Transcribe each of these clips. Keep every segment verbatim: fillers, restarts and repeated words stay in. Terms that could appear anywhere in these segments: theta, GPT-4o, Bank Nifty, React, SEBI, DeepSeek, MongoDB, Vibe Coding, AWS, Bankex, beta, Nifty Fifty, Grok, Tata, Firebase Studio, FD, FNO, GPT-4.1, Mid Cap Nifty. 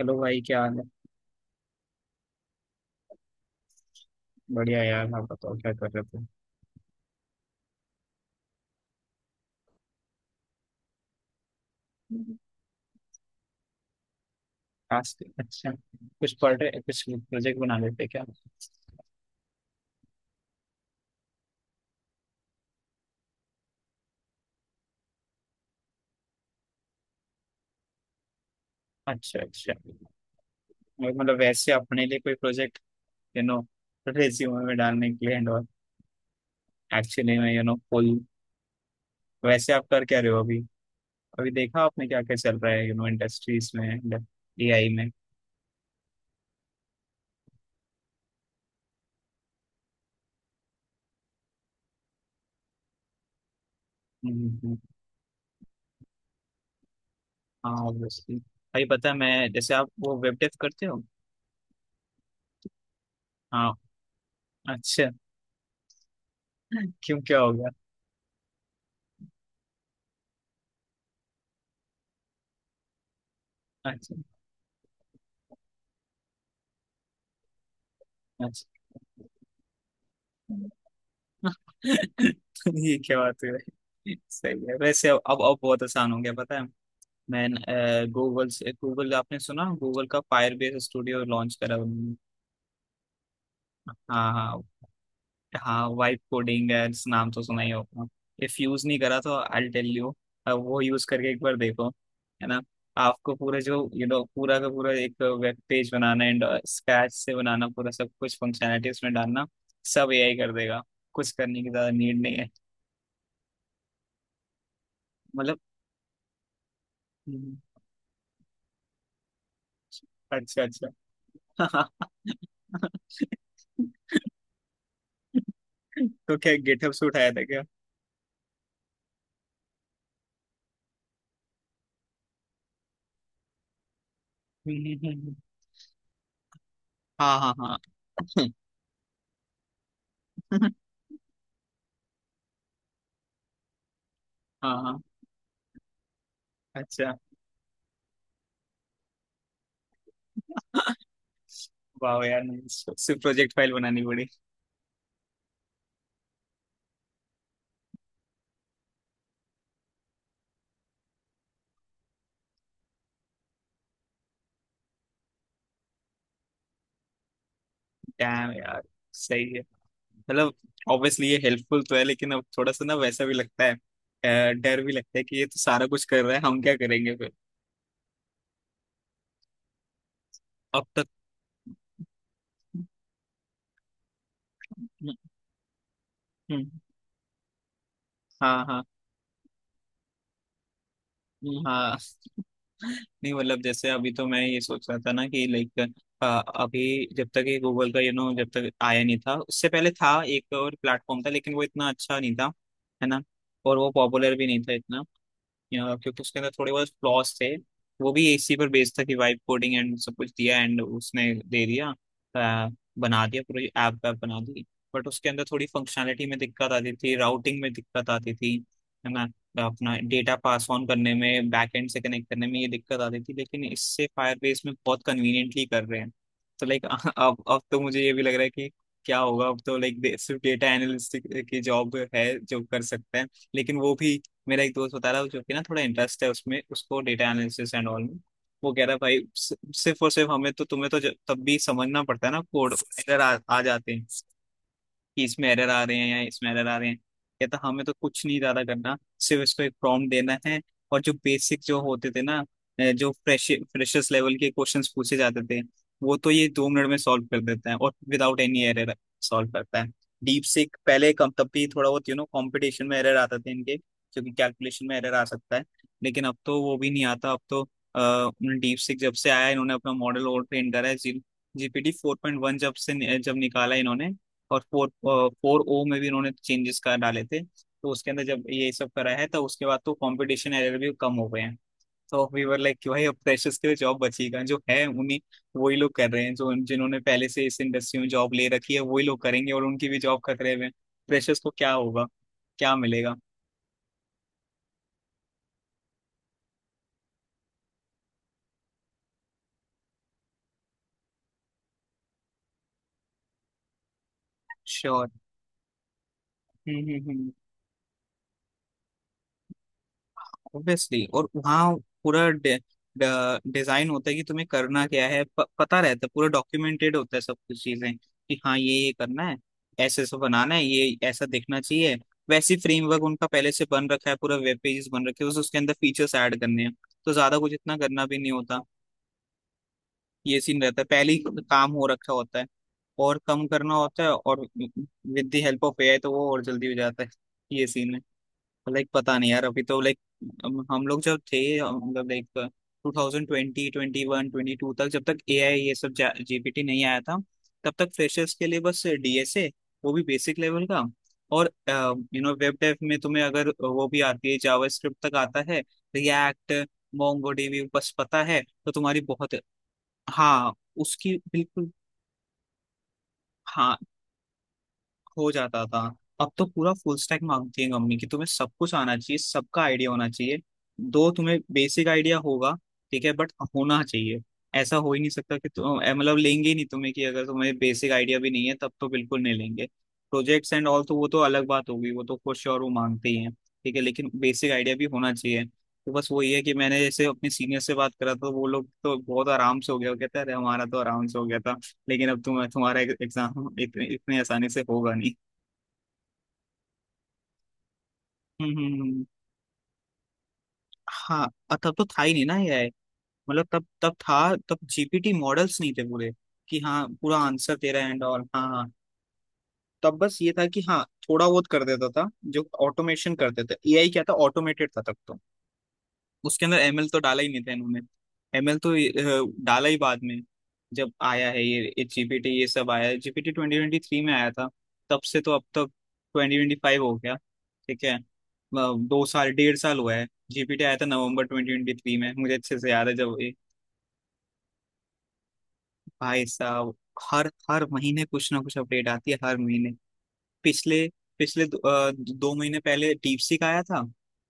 Hello भाई, क्या हाल है। बढ़िया यार, आप बताओ क्या कर रहे थे। हम्म। आज तो, अच्छा, कुछ पढ़ रहे, कुछ प्रोजेक्ट बना लेते क्या। अच्छा, अच्छा। और मतलब वैसे अपने लिए कोई प्रोजेक्ट, यू नो, रेज्यूमे में डालने के लिए एंड और एक्चुअली में यू नो फुल। वैसे आप कर क्या रहे हो अभी। अभी देखा आपने क्या क्या चल रहा है, यू नो इंडस्ट्रीज में एंड ए आई में। हम्म, हम्म। हाँ, ऑब्वियसली भाई, पता है मैं जैसे आप वो वेब डेव करते हो। हाँ। अच्छा। क्यों, क्या हो गया। अच्छा, अच्छा। ये क्या बात है। सही है वैसे। अब अब अब बहुत आसान हो गया, पता है। मैं गूगल से, गूगल आपने सुना, गूगल का फायर बेस स्टूडियो लॉन्च करा उन्होंने। हाँ, हाँ, हाँ। वाइब कोडिंग एड्स नाम तो सुना ही होगा। इफ यूज नहीं करा तो आई टेल यू, वो यूज करके एक बार देखो, है ना। आपको पूरे जो यू नो पूरा का पूरा एक वेब पेज बनाना एंड स्क्रैच से बनाना, पूरा सब कुछ फंक्शनैलिटी उसमें डालना, सब एआई कर देगा। कुछ करने की ज्यादा नीड नहीं है। मतलब, अच्छा, अच्छा। तो क्या गेटअप से उठाया था क्या। हाँ, हाँ, हाँ। हाँ, हाँ। अच्छा। वाह यार। नहीं, सिर्फ प्रोजेक्ट फाइल बनानी पड़ी। डैम यार, सही है। मतलब, ऑब्वियसली ये हेल्पफुल तो है, लेकिन अब थोड़ा सा ना वैसा भी लगता है, अ, डर भी लगता है कि ये तो सारा कुछ कर रहा है, हम क्या करेंगे फिर। अब तक। हम्म, हम्म। हाँ, हाँ। हम्म, हाँ। नहीं, मतलब जैसे अभी तो मैं ये सोच रहा था ना, कि लाइक अभी जब तक ये गूगल का यू नो जब तक आया नहीं था, उससे पहले था एक और प्लेटफॉर्म था, लेकिन वो इतना अच्छा नहीं था, है ना। और वो पॉपुलर भी नहीं था इतना, या क्योंकि उसके अंदर थोड़े बहुत फ्लॉज थे। वो भी इसी पर बेस्ड था कि वाइब कोडिंग एंड सब कुछ दिया, एंड उसने दे दिया, अ, बना दिया, पूरी ऐप वैप बना दी। बट उसके अंदर थोड़ी फंक्शनैलिटी में दिक्कत आती थी, राउटिंग में दिक्कत आती थी, है ना। अपना डेटा पास ऑन करने में, बैकएंड से कनेक्ट करने में ये दिक्कत आती थी, लेकिन इससे फायरबेस में बहुत कन्वीनियंटली कर रहे हैं। तो लाइक अब अब तो मुझे ये भी लग रहा है कि क्या होगा अब। तो लाइक सिर्फ डेटा एनालिस्ट की जॉब है जो कर सकते हैं, लेकिन वो भी, मेरा एक दोस्त बता रहा है जो कि ना थोड़ा इंटरेस्ट है उसमें, उसको डेटा एनालिसिस एंड ऑल में। वो कह रहा है, भाई सि- सिर्फ और सिर्फ हमें तो, तुम्हें तो ज- तब भी समझना पड़ता है ना कोड, एरर आ, आ जाते हैं कि इसमें एरर आ रहे हैं या इसमें एरर आ रहे हैं। कहता हमें तो कुछ नहीं ज्यादा करना, सिर्फ इसको एक प्रॉम्प्ट देना है। और जो बेसिक जो होते थे ना, अ, जो फ्रेश फ्रेशर्स लेवल के क्वेश्चंस पूछे जाते थे, वो तो ये दो मिनट में सॉल्व कर देता है, और विदाउट एनी एरर सॉल्व करता है। डीप सीक पहले कम, तब भी थोड़ा बहुत यू नो कॉम्पिटिशन में एरर आते थे इनके, क्योंकि कैलकुलेशन में एरर आ सकता है, लेकिन अब तो वो भी नहीं आता। अब तो डीप सीक जब से आया, इन्होंने अपना मॉडल और ट्रेन करा है। जी, जीपीटी फोर पॉइंट वन जब से जब निकाला इन्होंने, और फोर फोर ओ में भी इन्होंने चेंजेस कर डाले थे, तो उसके अंदर जब ये सब करा है, तो उसके बाद तो कंपटीशन एरर भी कम हो गए हैं। तो वी वर लाइक कि भाई अब फ्रेशर्स के लिए जॉब बचेगा जो है उन्हीं, वही लोग कर रहे हैं जो जिन्होंने पहले से इस इंडस्ट्री में जॉब ले रखी है वही लोग करेंगे, और उनकी भी जॉब खतरे में, फ्रेशर्स को क्या होगा, क्या मिलेगा। Sure, obviously. और वहाँ पूरा डे, डिजाइन होता है कि तुम्हें करना क्या है, प, पता रहता है, पूरा डॉक्यूमेंटेड होता है सब कुछ चीजें, कि हाँ ये ये करना है, ऐसे ऐसे बनाना है, ये ऐसा दिखना चाहिए, वैसी फ्रेमवर्क उनका पहले से बन रखा है, पूरा वेब पेजेस बन रखे हैं, बस उसके अंदर फीचर्स ऐड करने हैं। तो ज्यादा कुछ इतना करना भी नहीं होता, ये सीन रहता है पहले ही काम हो रखा होता है, और कम करना होता है, और with the help of AI तो वो और जल्दी हो जाता है। ये सीन है। लाइक पता नहीं यार, अभी तो लाइक हम लोग जब थे, मतलब like two thousand twenty twenty one twenty two तक, जब तक एआई ये सब जी पी टी नहीं आया था, तब तक फ्रेशर्स के लिए बस डी एस ए, वो भी बेसिक लेवल का, और यू नो वेब डेव में तुम्हें अगर वो भी आती है जावास्क्रिप्ट तक आता है रिएक्ट मोंगोडीबी बस पता है तो तुम्हारी बहुत। हाँ, उसकी बिल्कुल। हाँ, हो जाता था। अब तो पूरा फुल स्टैक मांगती है मम्मी कि तुम्हें सब कुछ आना चाहिए, सबका आइडिया होना चाहिए। दो तुम्हें बेसिक आइडिया होगा, ठीक है, बट होना चाहिए। ऐसा हो ही नहीं सकता कि तुम, अ, मतलब लेंगे ही नहीं तुम्हें, कि अगर तुम्हें बेसिक आइडिया भी नहीं है तब तो बिल्कुल नहीं लेंगे। प्रोजेक्ट्स एंड ऑल तो वो तो अलग बात होगी, वो तो खुश और वो मांगते ही हैं, ठीक है, लेकिन बेसिक आइडिया भी होना चाहिए। तो बस वही है, कि मैंने जैसे अपने सीनियर से बात करा तो वो लोग तो बहुत आराम से हो गया, वो कहते हैं अरे हमारा तो आराम से हो गया था, लेकिन अब तुम, तुम्हारा एग्जाम इतने, इतने आसानी से होगा नहीं। हम्म, हम्म, हम्म। हाँ, और तब तो था ही नहीं ना एआई। मतलब तब तब था, तब जीपीटी मॉडल्स नहीं थे पूरे कि हाँ पूरा आंसर दे रहा है एंड ऑल। हाँ, हाँ। तब बस ये था कि हाँ थोड़ा बहुत कर देता था, जो ऑटोमेशन करते थे, एआई क्या था, ऑटोमेटेड था तब तो। उसके अंदर एम एल तो डाला ही नहीं था इन्होंने। एमएल तो अ, डाला ही बाद में, जब आया है ये जीपीटी, ये सब आया है, जीपीटी ट्वेंटी ट्वेंटी थ्री में आया था। तब से तो अब तक ट्वेंटी ट्वेंटी फाइव हो गया। ठीक है। अ, दो साल, डेढ़ साल हुआ है, जीपीटी आया था नवंबर ट्वेंटी ट्वेंटी थ्री में, मुझे अच्छे से याद है जब ये- भाई साहब, हर हर महीने कुछ ना कुछ अपडेट आती है, हर महीने। पिछले पिछले दो, अ, दो महीने पहले डीपसीक आया था,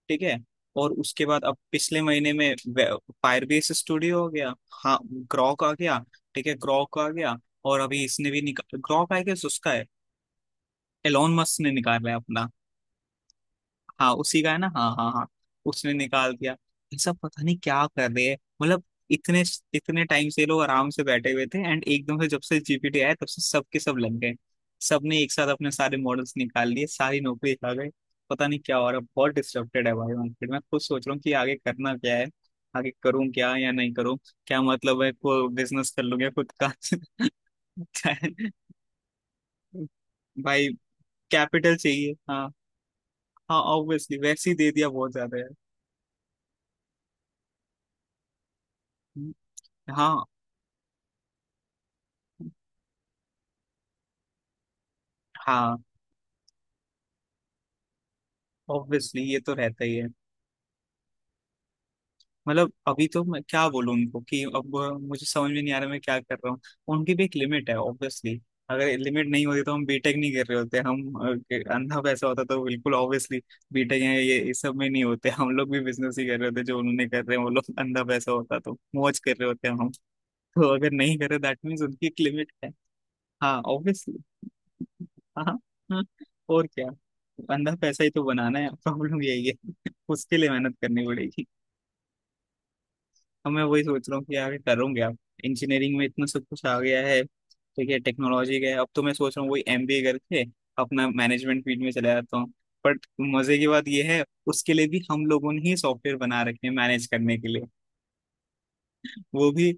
ठीक है। और उसके बाद अब पिछले महीने में फायरबेस स्टूडियो हो गया। हाँ, ग्रॉक आ गया। ठीक है, ग्रॉक आ गया। और अभी इसने भी निकाल ग्रॉक आएगा उसका है, एलोन मस्क ने निकाला है अपना। हाँ उसी का है ना, हाँ, हाँ, हाँ। उसने निकाल दिया। ये सब पता नहीं क्या कर रहे हैं, मतलब इतने, इतने टाइम से ये लोग आराम से बैठे हुए थे, एंड एकदम से जब से जीपीटी आया तब से सबके सब लग गए, सबने एक साथ अपने सारे मॉडल्स निकाल लिए, सारी नौकरी खा गए। पता नहीं क्या हो रहा है। बहुत डिस्टर्बेड है भाई मार्केट। मैं खुद सोच रहा हूँ कि आगे करना क्या है, आगे करूँ क्या या नहीं करूँ, क्या मतलब है, को बिजनेस कर लूँ या खुद का। भाई, कैपिटल चाहिए, हाँ। हाँ, ऑब्वियसली वैसे ही दे दिया बहुत ज्यादा है। हाँ, हाँ, ऑब्वियसली ये तो रहता ही है। मतलब अभी तो मैं क्या बोलूँ उनको कि अब अ, मुझे समझ में नहीं आ रहा मैं क्या कर रहा हूँ। उनकी भी एक लिमिट है, ऑब्वियसली। अगर लिमिट नहीं होती तो हम बीटेक नहीं कर रहे होते, हम अ, अंधा पैसा होता तो बिल्कुल ऑब्वियसली बीटेक है ये, इस सब में नहीं होते हम लोग भी, बिजनेस ही कर रहे होते जो उन्होंने कर रहे हैं वो लोग, अंधा पैसा होता तो मौज कर रहे होते हैं हम। तो अगर नहीं करे दैट मीन्स उनकी एक लिमिट है। हाँ, ऑब्वियसली। हाँ, हाँ, और क्या। बंदा पैसा ही तो बनाना है, प्रॉब्लम यही है। उसके लिए मेहनत करनी पड़ेगी। अब मैं वही सोच रहा हूँ कि आगे करूँगा आप, इंजीनियरिंग में इतना सब कुछ आ गया है, ठीक है, टेक्नोलॉजी का है, अब तो मैं सोच रहा हूँ वही एम बी ए करके अपना मैनेजमेंट फील्ड में चला जाता हूँ, बट मजे की बात यह है, उसके लिए भी हम लोगों ने ही सॉफ्टवेयर बना रखे हैं मैनेज करने के लिए। वो भी,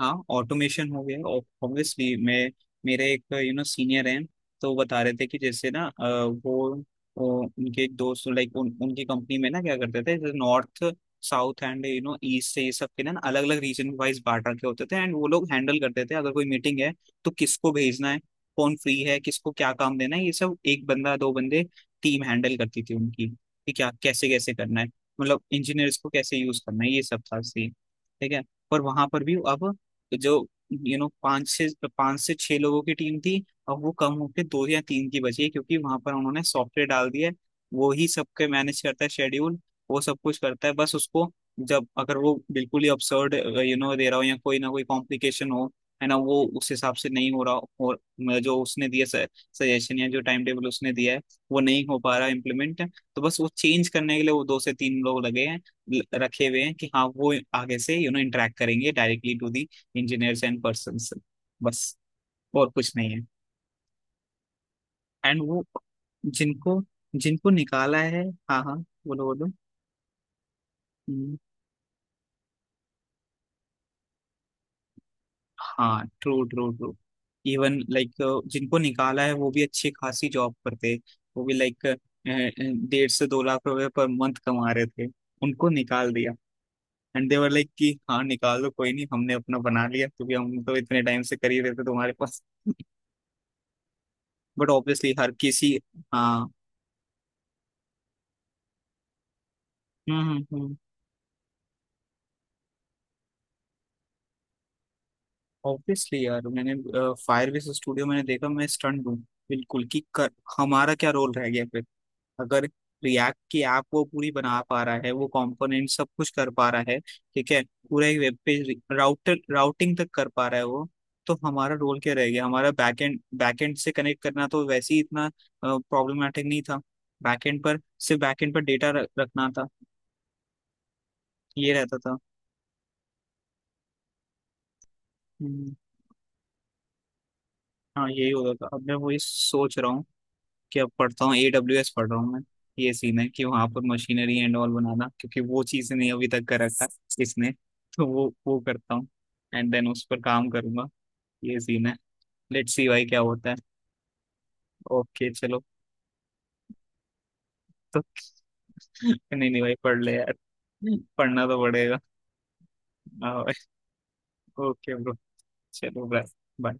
हाँ, ऑटोमेशन हो गया, ऑब्वियसली। मैं मेरे एक यू नो सीनियर हैं, तो वो बता रहे थे कि जैसे ना, अ, वो, वो उनके एक दोस्त लाइक उन, उनकी कंपनी में ना क्या करते थे, जैसे north, south and you know east से ये सब के ना, अलग अलग रीजन वाइज बांट रखे होते थे, एंड वो लोग हैंडल करते थे अगर कोई मीटिंग है तो किसको भेजना है, कौन फ्री है, किसको क्या काम देना है, ये सब एक बंदा, दो बंदे, टीम हैंडल करती थी उनकी, कि क्या कैसे कैसे करना है, मतलब इंजीनियर्स को कैसे यूज करना है, ये सब था सीन, ठीक है। पर वहां पर भी अब, तो जो यू नो पांच से, पांच से छह लोगों की टीम थी, और वो कम होकर दो या तीन की बची है, क्योंकि वहां पर उन्होंने सॉफ्टवेयर डाल दिया है, वो ही सबके मैनेज करता है शेड्यूल, वो सब कुछ करता है, बस उसको जब अगर वो बिल्कुल ही अपसर्ड यू नो दे रहा हो या कोई ना कोई कॉम्प्लिकेशन हो, है ना, वो उस हिसाब से नहीं हो रहा हो, और म, जो उसने दिया सजेशन या जो टाइम टेबल उसने दिया है, वो नहीं हो पा रहा इम्प्लीमेंट, तो बस वो चेंज करने के लिए वो दो से तीन लोग लगे हैं, ल- रखे हुए हैं कि हाँ वो आगे से यू नो इंटरेक्ट करेंगे directly to the engineers and persons, बस, और कुछ नहीं है। एंड वो जिनको जिनको निकाला है। हाँ, हाँ, बोलो, बोलो। हम्म, हाँ, true, true, true. Even like जिनको निकाला है वो भी अच्छी खासी जॉब करते, वो भी लाइक डेढ़ से दो लाख रुपए पर मंथ कमा रहे थे, उनको निकाल दिया, एंड दे वर लाइक कि हाँ निकाल दो, कोई नहीं, हमने अपना बना लिया, क्योंकि हम तो इतने टाइम से कर ही रहे थे तुम्हारे पास। बट ऑब्वियसली हर किसी, हाँ। हम्म, हम्म, हम्म। ऑब्वियसली यार, मैंने फायर विस स्टूडियो मैंने देखा, मैं स्टंट हूँ बिल्कुल, कि कर, हमारा क्या रोल रह गया फिर, अगर रिएक्ट की ऐप वो पूरी बना पा रहा है, वो कंपोनेंट सब कुछ कर पा रहा है, ठीक है, पूरा एक वेब पेज राउटर राउटिंग तक कर पा रहा है वो, तो हमारा रोल क्या रह गया, हमारा बैकएंड, बैकएंड से कनेक्ट करना तो वैसे ही इतना प्रॉब्लमेटिक नहीं था, बैकएंड पर, सिर्फ बैकएंड पर डेटा रखना था, ये रहता था। हम्म, हाँ यही होता था। अब मैं वही सोच रहा हूँ क्या पढ़ता हूँ, ए डब्ल्यू एस पढ़ रहा हूँ मैं, ये सीन है कि वहां पर मशीनरी एंड ऑल बनाना, क्योंकि वो चीज नहीं अभी तक कर रखा इसने, तो वो वो करता हूँ, एंड देन उस पर काम करूंगा, ये सीन है, लेट्स सी भाई क्या होता है। ओके चलो तो। नहीं, नहीं भाई, पढ़ ले यार, पढ़ना तो पड़ेगा। Okay bro. चलो ब्रो।